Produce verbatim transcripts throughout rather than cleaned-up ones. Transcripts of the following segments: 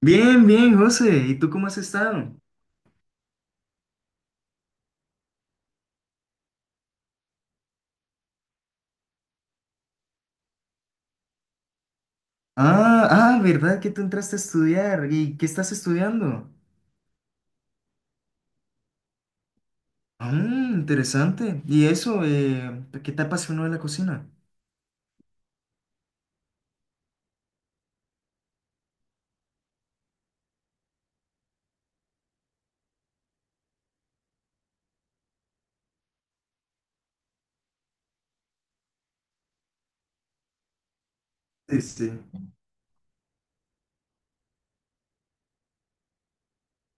Bien, bien, José. ¿Y tú cómo has estado? Ah, ah, ¿verdad que tú entraste a estudiar? ¿Y qué estás estudiando? Ah, interesante. ¿Y eso? Eh, ¿qué te apasionó de la cocina? Sí, sí.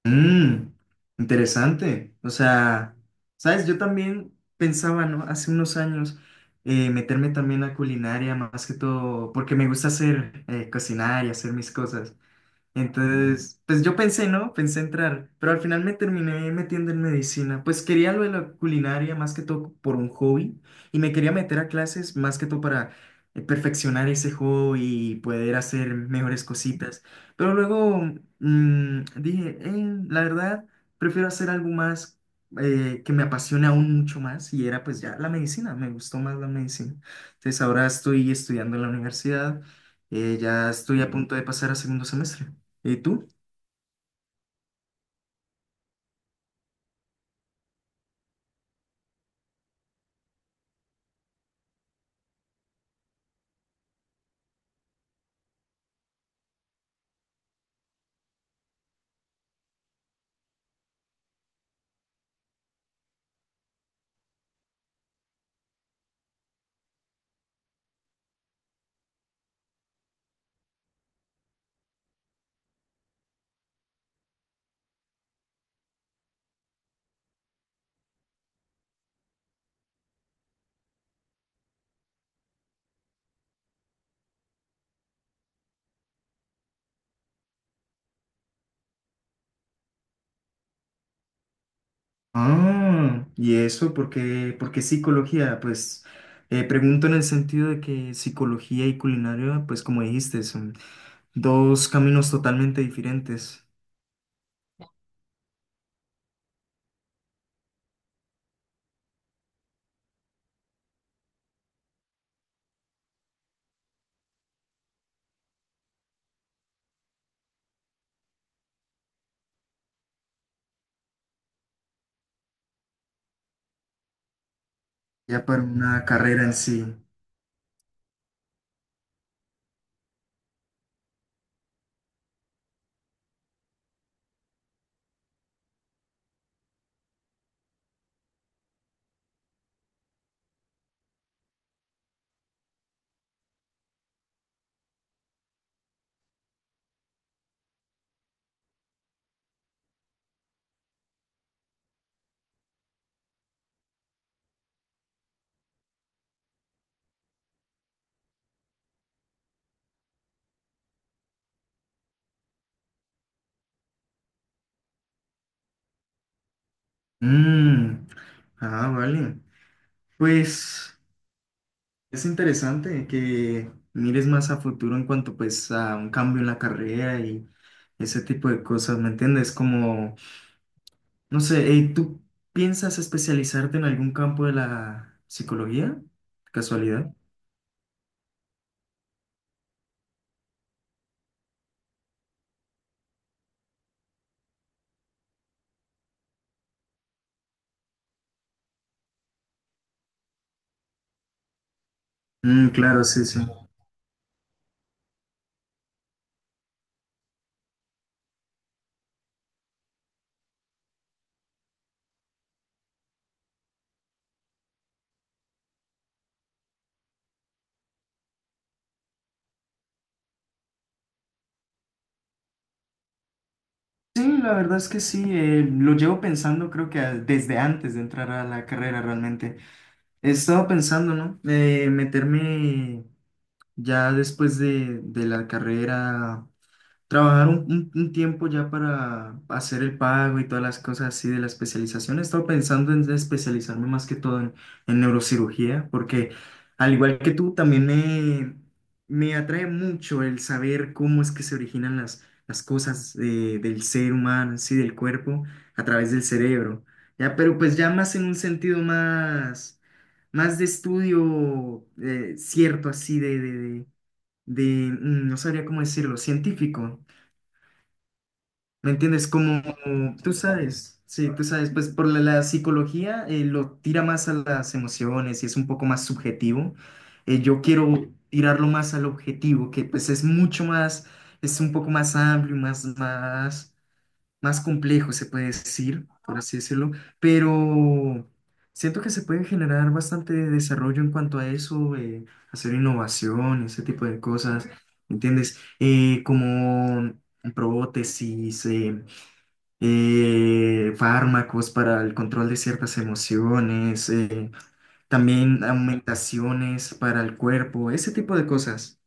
Mm, interesante. O sea, sabes, yo también pensaba, ¿no? Hace unos años eh, meterme también a culinaria, más que todo, porque me gusta hacer, eh, cocinar y hacer mis cosas. Entonces, pues yo pensé, ¿no? Pensé entrar, pero al final me terminé metiendo en medicina. Pues quería lo de la culinaria más que todo por un hobby y me quería meter a clases más que todo para eh, perfeccionar ese hobby y poder hacer mejores cositas. Pero luego mm, dije, "Eh, la verdad, prefiero hacer algo más eh, que me apasione aún mucho más y era pues ya la medicina, me gustó más la medicina. Entonces ahora estoy estudiando en la universidad, eh, ya estoy a punto de pasar a segundo semestre. ¿Y tú? Ah, ¿y eso? ¿Por qué, por qué psicología? Pues eh, pregunto en el sentido de que psicología y culinaria, pues como dijiste, son dos caminos totalmente diferentes, ya para una carrera en sí. Mm, ah, vale. Pues es interesante que mires más a futuro en cuanto pues a un cambio en la carrera y ese tipo de cosas, ¿me entiendes? Como... No sé, eh, ¿tú piensas especializarte en algún campo de la psicología? ¿Casualidad? Mm, claro, sí, sí. Sí, la verdad es que sí, eh, lo llevo pensando creo que a- desde antes de entrar a la carrera realmente. He estado pensando, ¿no? Eh, meterme ya después de, de la carrera. Trabajar un, un- un tiempo ya para hacer el pago y todas las cosas así de la especialización. He estado pensando en especializarme más que todo en, en neurocirugía, porque al igual que tú, también me, me atrae mucho el saber cómo es que se originan las, las cosas de- del ser humano, sí, del cuerpo, a través del cerebro. Ya, pero pues ya más en un sentido más, más de estudio eh, cierto, así de, de, de, de, mm, no sabría cómo decirlo, científico. ¿Me entiendes? Como tú sabes, sí, tú sabes, pues por la, la psicología eh, lo tira más a las emociones y es un poco más subjetivo. Eh, yo quiero tirarlo más al objetivo, que pues es mucho más, es un poco más amplio, más, más, más complejo, se puede decir, por así decirlo, pero siento que se puede generar bastante desarrollo en cuanto a eso, eh, hacer innovación, ese tipo de cosas, ¿me ¿entiendes? Eh, como prótesis, eh, fármacos para el control de ciertas emociones, eh, también aumentaciones para el cuerpo, ese tipo de cosas.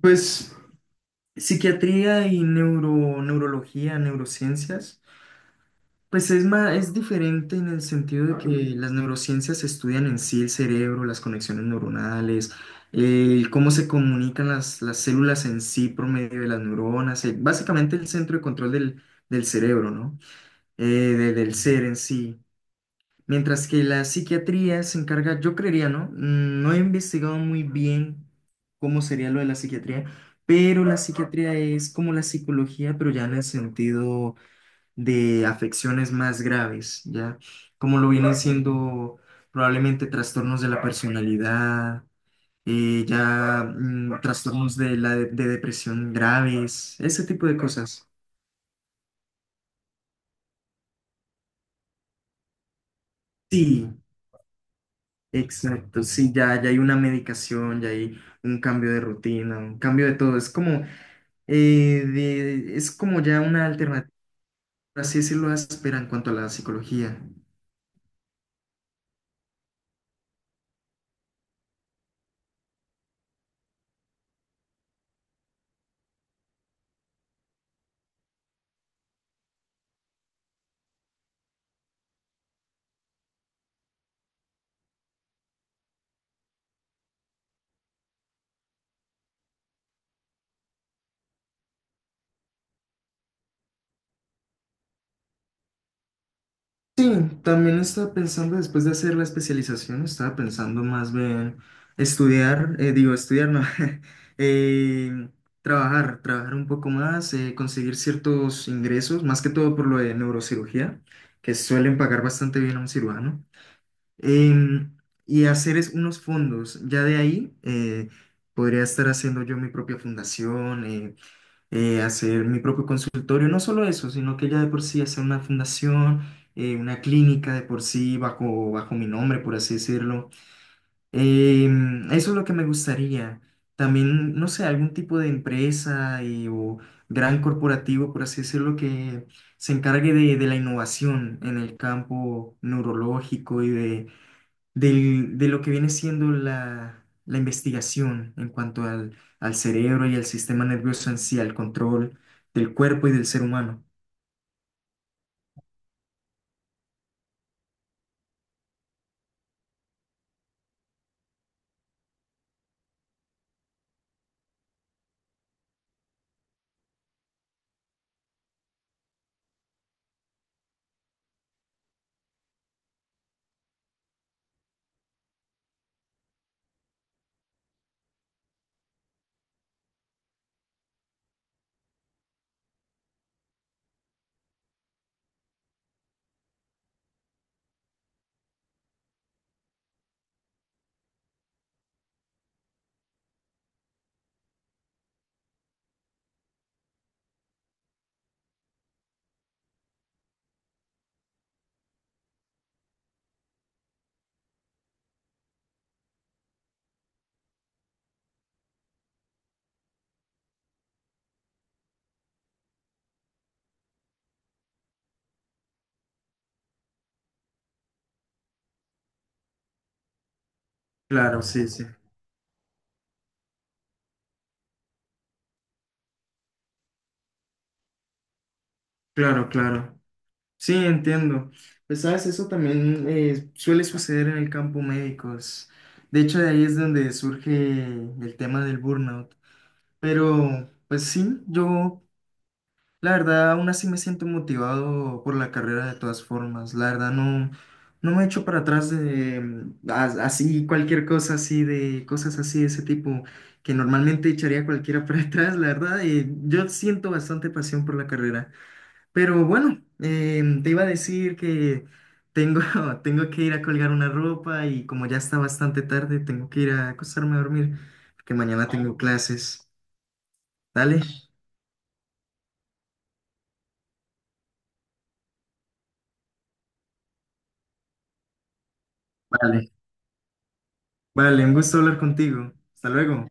Pues psiquiatría y neuro, neurología, neurociencias, pues es más, es diferente en el sentido de que las neurociencias estudian en sí el cerebro, las conexiones neuronales, el cómo se comunican las, las células en sí por medio de las neuronas, eh, básicamente el centro de control del, del cerebro, ¿no? Eh, de- del ser en sí. Mientras que la psiquiatría se encarga, yo creería, ¿no? Mm, no he investigado muy bien cómo sería lo de la psiquiatría, pero la psiquiatría es como la psicología, pero ya en el sentido de afecciones más graves, ¿ya? Como lo vienen siendo probablemente trastornos de la personalidad, eh, ya mm, trastornos de la de de depresión graves, ese tipo de cosas. Sí, exacto, sí, ya, ya hay una medicación, ya hay un cambio de rutina, un cambio de todo. Es como, eh, de- es como ya una alternativa, por así decirlo, áspera en cuanto a la psicología. Sí, también estaba pensando, después de hacer la especialización, estaba pensando más bien estudiar, eh, digo, estudiar, no, eh, trabajar, trabajar un poco más, eh, conseguir ciertos ingresos, más que todo por lo de neurocirugía, que suelen pagar bastante bien a un cirujano. em, y hacer es unos fondos. Ya de ahí eh, podría estar haciendo yo mi propia fundación, eh, eh, hacer mi propio consultorio. No solo eso, sino que ya de por sí hacer una fundación, eh, una clínica de por sí bajo, bajo mi nombre, por así decirlo. Em, eso es lo que me gustaría. También, no sé, algún tipo de empresa eh, o gran corporativo, por así decirlo, que se encargue de, de la innovación en el campo neurológico y de del- de lo que viene siendo la, la investigación en cuanto al, al cerebro y al sistema nervioso en sí, al control del cuerpo y del ser humano. Claro, sí, sí. Claro, claro. Sí, entiendo. Pues sabes, eso también eh, suele suceder en el campo médico. es- De hecho, de ahí es donde surge el tema del burnout. Pero, pues sí, yo la verdad, aún así me siento motivado por la carrera de todas formas. La verdad, no, no me echo para atrás de mm, as- así, cualquier cosa así, de cosas así de ese tipo que normalmente echaría cualquiera para atrás. La verdad, eh, yo siento bastante pasión por la carrera. Pero bueno, em, te iba a decir que tengo, tengo que ir a colgar una ropa y como ya está bastante tarde, tengo que ir a acostarme a dormir porque mañana tengo clases. ¿Dale? Vale. Vale, un gusto hablar contigo. Hasta luego.